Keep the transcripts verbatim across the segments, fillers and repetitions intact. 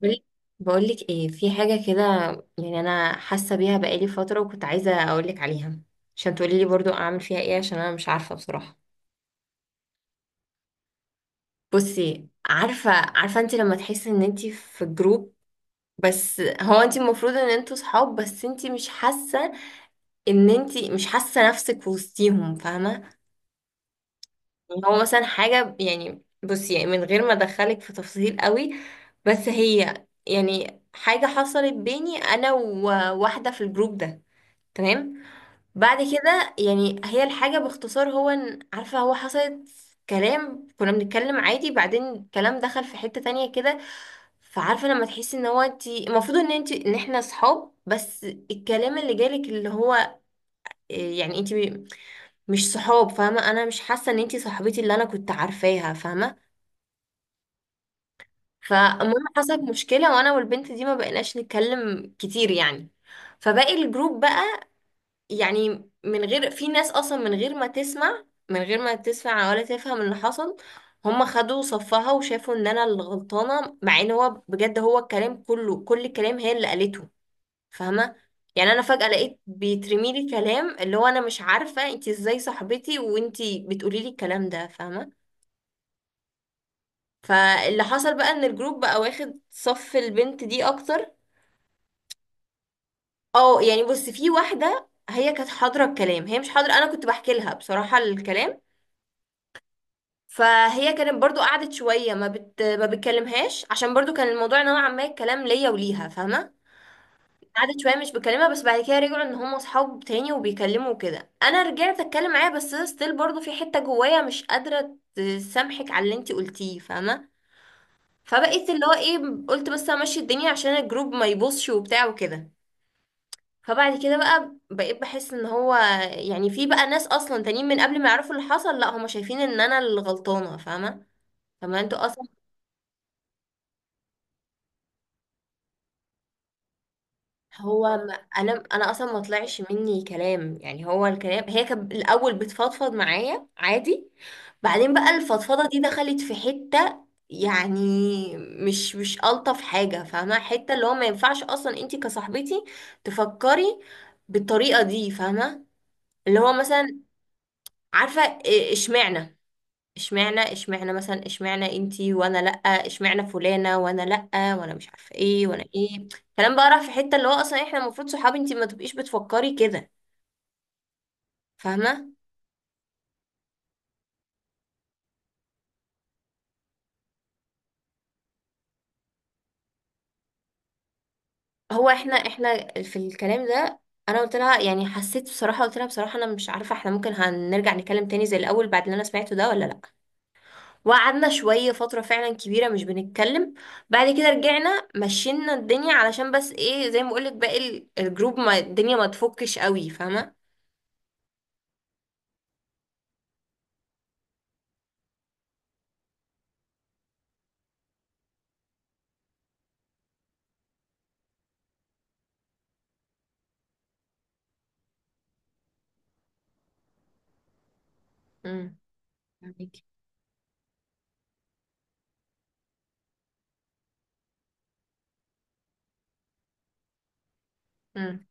بقول- بقولك ايه، في حاجة كده. يعني انا حاسة بيها بقالي فترة وكنت عايزة اقولك عليها عشان تقولي لي برضو اعمل فيها ايه، عشان انا مش عارفة بصراحة. بصي، عارفة عارفة انت لما تحسي ان انت في جروب، بس هو انت المفروض ان انتوا صحاب بس انت مش حاسة ان انت مش حاسة نفسك وسطيهم، فاهمة؟ يعني هو مثلا حاجة، يعني بصي، يعني من غير ما ادخلك في تفاصيل قوي، بس هي يعني حاجة حصلت بيني انا وواحدة في الجروب ده، تمام؟ بعد كده يعني هي الحاجة باختصار هو ان عارفة هو حصلت كلام، كنا بنتكلم عادي، بعدين الكلام دخل في حتة تانية كده. فعارفة لما تحسي ان هو انتي المفروض ان انتي ان احنا صحاب، بس الكلام اللي جالك اللي هو إيه، يعني انتي مش صحاب، فاهمة؟ انا مش حاسة ان انتي صاحبتي اللي انا كنت عارفاها، فاهمة؟ فالمهم حصلت مشكلة وانا والبنت دي ما بقيناش نتكلم كتير يعني. فباقي الجروب بقى، يعني من غير، في ناس اصلا من غير ما تسمع، من غير ما تسمع ولا تفهم اللي حصل، هم خدوا صفها وشافوا ان انا اللي غلطانه، مع ان هو بجد هو الكلام كله، كل الكلام هي اللي قالته، فاهمه؟ يعني انا فجأة لقيت بيترمي لي كلام اللي هو انا مش عارفه انتي ازاي صاحبتي وانتي بتقولي لي الكلام ده، فاهمه؟ فاللي حصل بقى ان الجروب بقى واخد صف البنت دي اكتر. اه يعني بص، في واحده هي كانت حاضره الكلام، هي مش حاضره، انا كنت بحكي لها بصراحه الكلام. فهي كانت برضو قعدت شويه ما بت... ما بتكلمهاش عشان برضو كان الموضوع نوعا ما الكلام ليا وليها، فاهمه؟ قعدت شويه مش بكلمها، بس بعد كده رجعوا ان هم اصحاب تاني وبيكلموا وكده، انا رجعت اتكلم معاها، بس ستيل برضو في حته جوايا مش قادره تسامحك على اللي انتي قلتيه، فاهمه؟ فبقيت اللي هو ايه، قلت بس امشي الدنيا عشان الجروب ما يبصش وبتاع وكده. فبعد كده بقى بقيت بحس ان هو يعني في بقى ناس اصلا تانيين من قبل ما يعرفوا اللي حصل، لا هم شايفين ان انا اللي غلطانه، فاهمه؟ طب ما انتوا اصلا. هو ما انا انا اصلا ما طلعش مني كلام، يعني هو الكلام هي كانت الاول بتفضفض معايا عادي، بعدين بقى الفضفضه دي دخلت في حته يعني مش مش الطف حاجه، فاهمه؟ حته اللي هو ما ينفعش اصلا انتي كصاحبتي تفكري بالطريقه دي، فاهمه؟ اللي هو مثلا عارفه إيه- اشمعنى، اشمعنى اشمعنى مثلا، اشمعنى انتي وانا لأ، اشمعنى فلانة وانا لأ، وانا مش عارفة ايه وانا ايه. كلام بقى راح في حتة اللي هو اصلا احنا المفروض صحابي انتي ما تبقيش بتفكري كده، فاهمة؟ هو احنا احنا في الكلام ده، انا قلت لها يعني حسيت بصراحة، قلت لها بصراحة انا مش عارفة احنا ممكن هنرجع نتكلم تاني زي الاول بعد اللي انا سمعته ده ولا لأ. وقعدنا شوية فترة فعلا كبيرة مش بنتكلم، بعد كده رجعنا مشينا الدنيا علشان بس ايه، زي ما بقولك باقي ال- الجروب، ما الدنيا ما تفكش قوي، فاهمة؟ فهميكي. مم.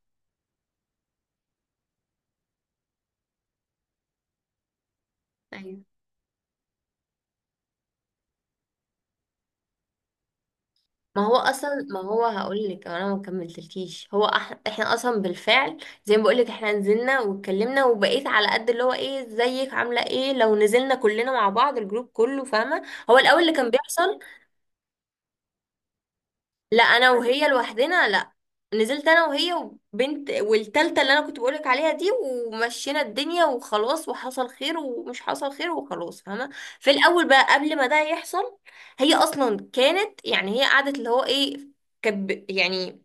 ايوه، ما هو اصلا، ما هو هقول لك انا ما كملتلكيش، هو أح... احنا اصلا بالفعل، زي ما بقول لك احنا نزلنا واتكلمنا وبقيت على قد اللي هو ايه، ازيك عامله ايه، لو نزلنا كلنا مع بعض الجروب كله، فاهمه؟ هو الاول اللي كان بيحصل، لا انا وهي لوحدنا، لا نزلت انا وهي وبنت والتالتة اللي انا كنت بقولك عليها دي، ومشينا الدنيا وخلاص وحصل خير ومش حصل خير وخلاص، فاهمة؟ في الاول بقى قبل ما ده يحصل، هي اصلا كانت يعني هي قعدت اللي هو ايه، كب يعني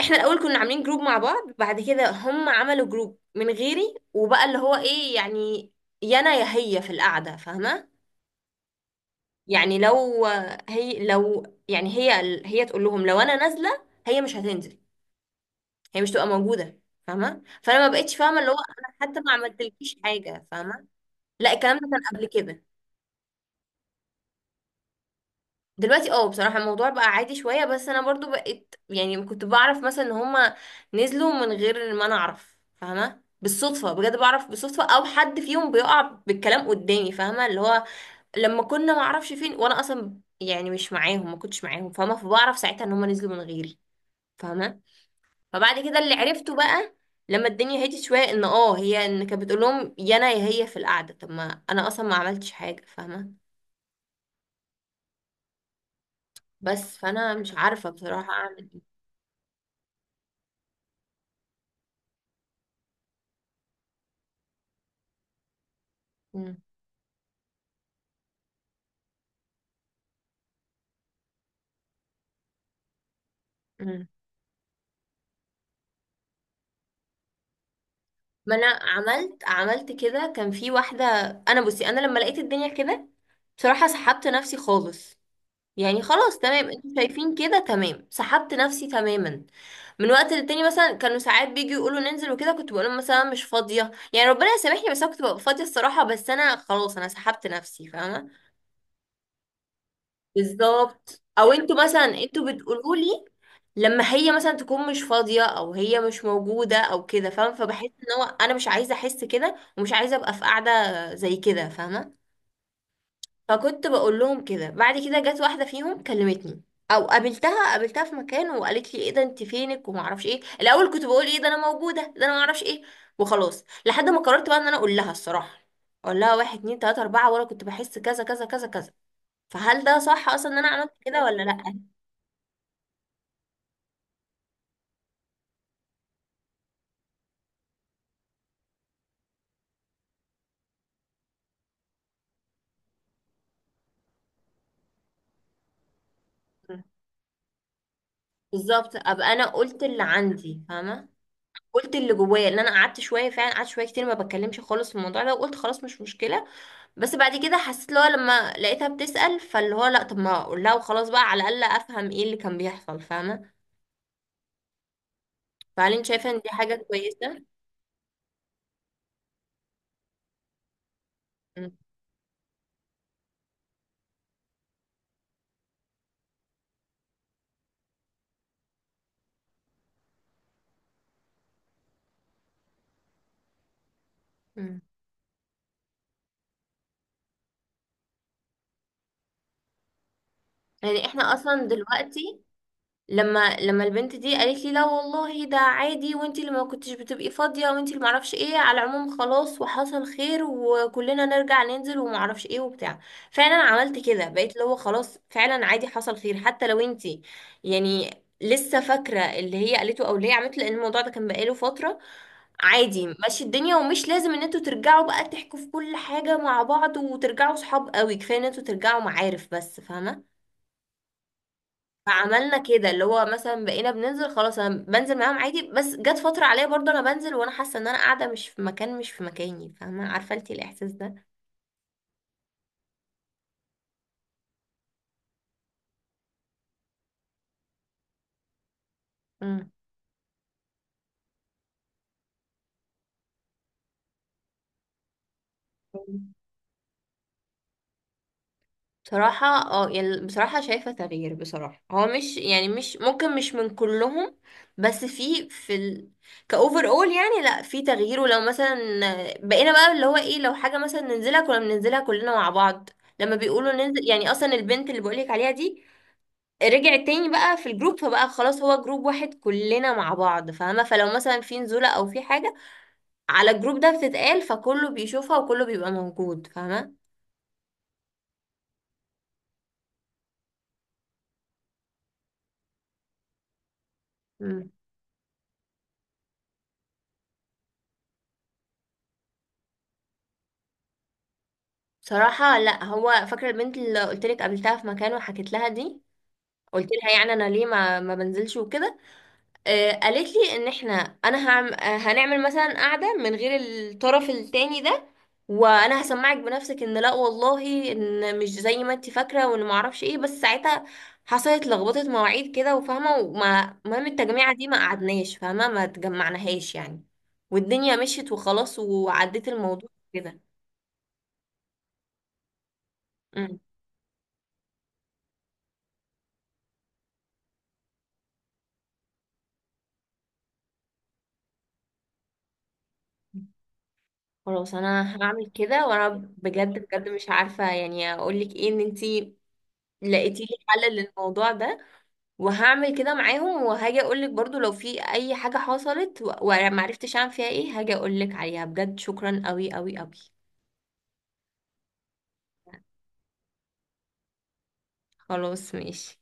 احنا الاول كنا عاملين جروب مع بعض، بعد كده هم عملوا جروب من غيري، وبقى اللي هو ايه يعني، يا انا يا هي في القعدة، فاهمة؟ يعني لو، هي لو يعني هي هي تقول لهم لو انا نازلة هي مش هتنزل، هي مش تبقى موجوده، فاهمه؟ فانا ما بقتش فاهمه اللي هو انا حتى ما عملتلكيش حاجه، فاهمه؟ لا الكلام ده كان قبل كده. دلوقتي اه بصراحه الموضوع بقى عادي شويه، بس انا برضو بقيت يعني كنت بعرف مثلا ان هما نزلوا من غير ما انا اعرف، فاهمه؟ بالصدفه، بجد بعرف بالصدفه، او حد فيهم بيقع بالكلام قدامي، فاهمه؟ اللي هو لما كنا ما اعرفش فين وانا اصلا يعني مش معاهم، ما كنتش معاهم، فاهمه؟ فبعرف ساعتها ان هما نزلوا من غيري، فاهمه؟ فبعد كده اللي عرفته بقى لما الدنيا هديت شويه ان اه هي ان كانت بتقول لهم يا انا يا هي في القعده، طب ما انا اصلا ما عملتش حاجه، فاهمه؟ بس فانا مش عارفه بصراحه اعمل إيه. مم. مم. ما انا عملت، عملت كده كان في واحده، انا بصي انا لما لقيت الدنيا كده بصراحه سحبت نفسي خالص، يعني خلاص تمام انتوا شايفين كده، تمام سحبت نفسي تماما. من وقت للتاني مثلا كانوا ساعات بيجوا يقولوا ننزل وكده، كنت بقول لهم مثلا مش فاضيه، يعني ربنا يسامحني بس انا كنت ببقى فاضيه الصراحه، بس انا خلاص انا سحبت نفسي، فاهمه؟ بالظبط، او انتوا مثلا انتوا بتقولوا لي لما هي مثلا تكون مش فاضيه او هي مش موجوده او كده، فاهمه؟ فبحس ان هو انا مش عايزه احس كده ومش عايزه ابقى في قاعده زي كده، فاهمه؟ فكنت بقول لهم كده. بعد كده جت واحده فيهم كلمتني او قابلتها قابلتها في مكان وقالت لي ايه ده انت فينك وما اعرفش ايه، الاول كنت بقول ايه ده انا موجوده ده انا ما اعرفش ايه، وخلاص لحد ما قررت بقى ان انا اقول لها الصراحه، اقول لها واحد اتنين تلاته اربعه وانا كنت بحس كذا كذا كذا كذا، فهل ده صح اصلا ان انا عملت كده ولا لا؟ بالظبط، ابقى انا قلت اللي عندي، فاهمه؟ قلت اللي جوايا. ان انا قعدت شويه، فعلا قعدت شويه كتير ما بتكلمش خالص في الموضوع ده، وقلت خلاص مش مشكله، بس بعد كده حسيت اللي هو لما لقيتها بتسأل فاللي هو لا، طب ما اقول لها وخلاص بقى، على الأقل افهم ايه اللي كان بيحصل، فاهمة؟ فهل انت شايفة ان دي حاجة كويسة؟ مم. مم. يعني احنا اصلا دلوقتي لما لما البنت دي قالت لي لا والله ده عادي وانتي اللي ما كنتش بتبقي فاضية وانتي اللي معرفش ايه، على العموم خلاص وحصل خير وكلنا نرجع ننزل ومعرفش ايه وبتاع، فعلا عملت كده. بقيت اللي هو خلاص فعلا عادي حصل خير، حتى لو انتي يعني لسه فاكرة اللي هي قالته او اللي هي عملته، لان الموضوع ده كان بقاله فترة. عادي ماشي الدنيا، ومش لازم ان انتوا ترجعوا بقى تحكوا في كل حاجة مع بعض وترجعوا صحاب قوي، كفاية ان انتوا ترجعوا معارف بس، فاهمة؟ فعملنا كده، اللي هو مثلا بقينا بننزل خلاص انا بنزل معاهم عادي، بس جت فترة عليا برضه انا بنزل وانا حاسة ان انا قاعدة مش في مكان، مش في مكاني، فاهمة؟ عارفة انتي الاحساس ده؟ امم. بصراحة اه يعني بصراحة شايفة تغيير، بصراحة هو مش يعني مش ممكن مش من كلهم، بس في في ال... كأوفر اول يعني لا في تغيير، ولو مثلا بقينا بقى اللي هو ايه لو حاجة مثلا ننزلها كنا بننزلها كلنا مع بعض، لما بيقولوا ننزل، يعني اصلا البنت اللي بقولك عليها دي رجع تاني بقى في الجروب، فبقى خلاص هو جروب واحد كلنا مع بعض، فاهمة؟ فلو مثلا في نزولة او في حاجة على الجروب ده بتتقال، فكله بيشوفها وكله بيبقى موجود، فاهمة؟ مم. بصراحة لا، هو فاكرة البنت اللي قلت لك قابلتها في مكان وحكيت لها دي، قلت لها يعني انا ليه ما ما بنزلش وكده، آه، قالت لي ان احنا، انا هعم... آه، هنعمل مثلا قعده من غير الطرف التاني ده وانا هسمعك بنفسك ان لا والله ان مش زي ما انت فاكره وان ما اعرفش ايه، بس ساعتها حصلت لخبطه مواعيد كده وفاهمه، وما المهم التجميعه دي ما قعدناش، فاهمه؟ ما تجمعناهاش يعني، والدنيا مشيت وخلاص وعديت الموضوع كده. أمم. خلاص انا هعمل كده. وانا بجد، بجد مش عارفه يعني اقول لك ايه، ان انت لقيتي لي حل للموضوع ده، وهعمل كده معاهم، وهاجي اقولك برضو لو في اي حاجة حصلت و- وانا معرفتش اعمل فيها ايه هاجي اقولك عليها، بجد شكرا قوي قوي قوي. خلاص ماشي.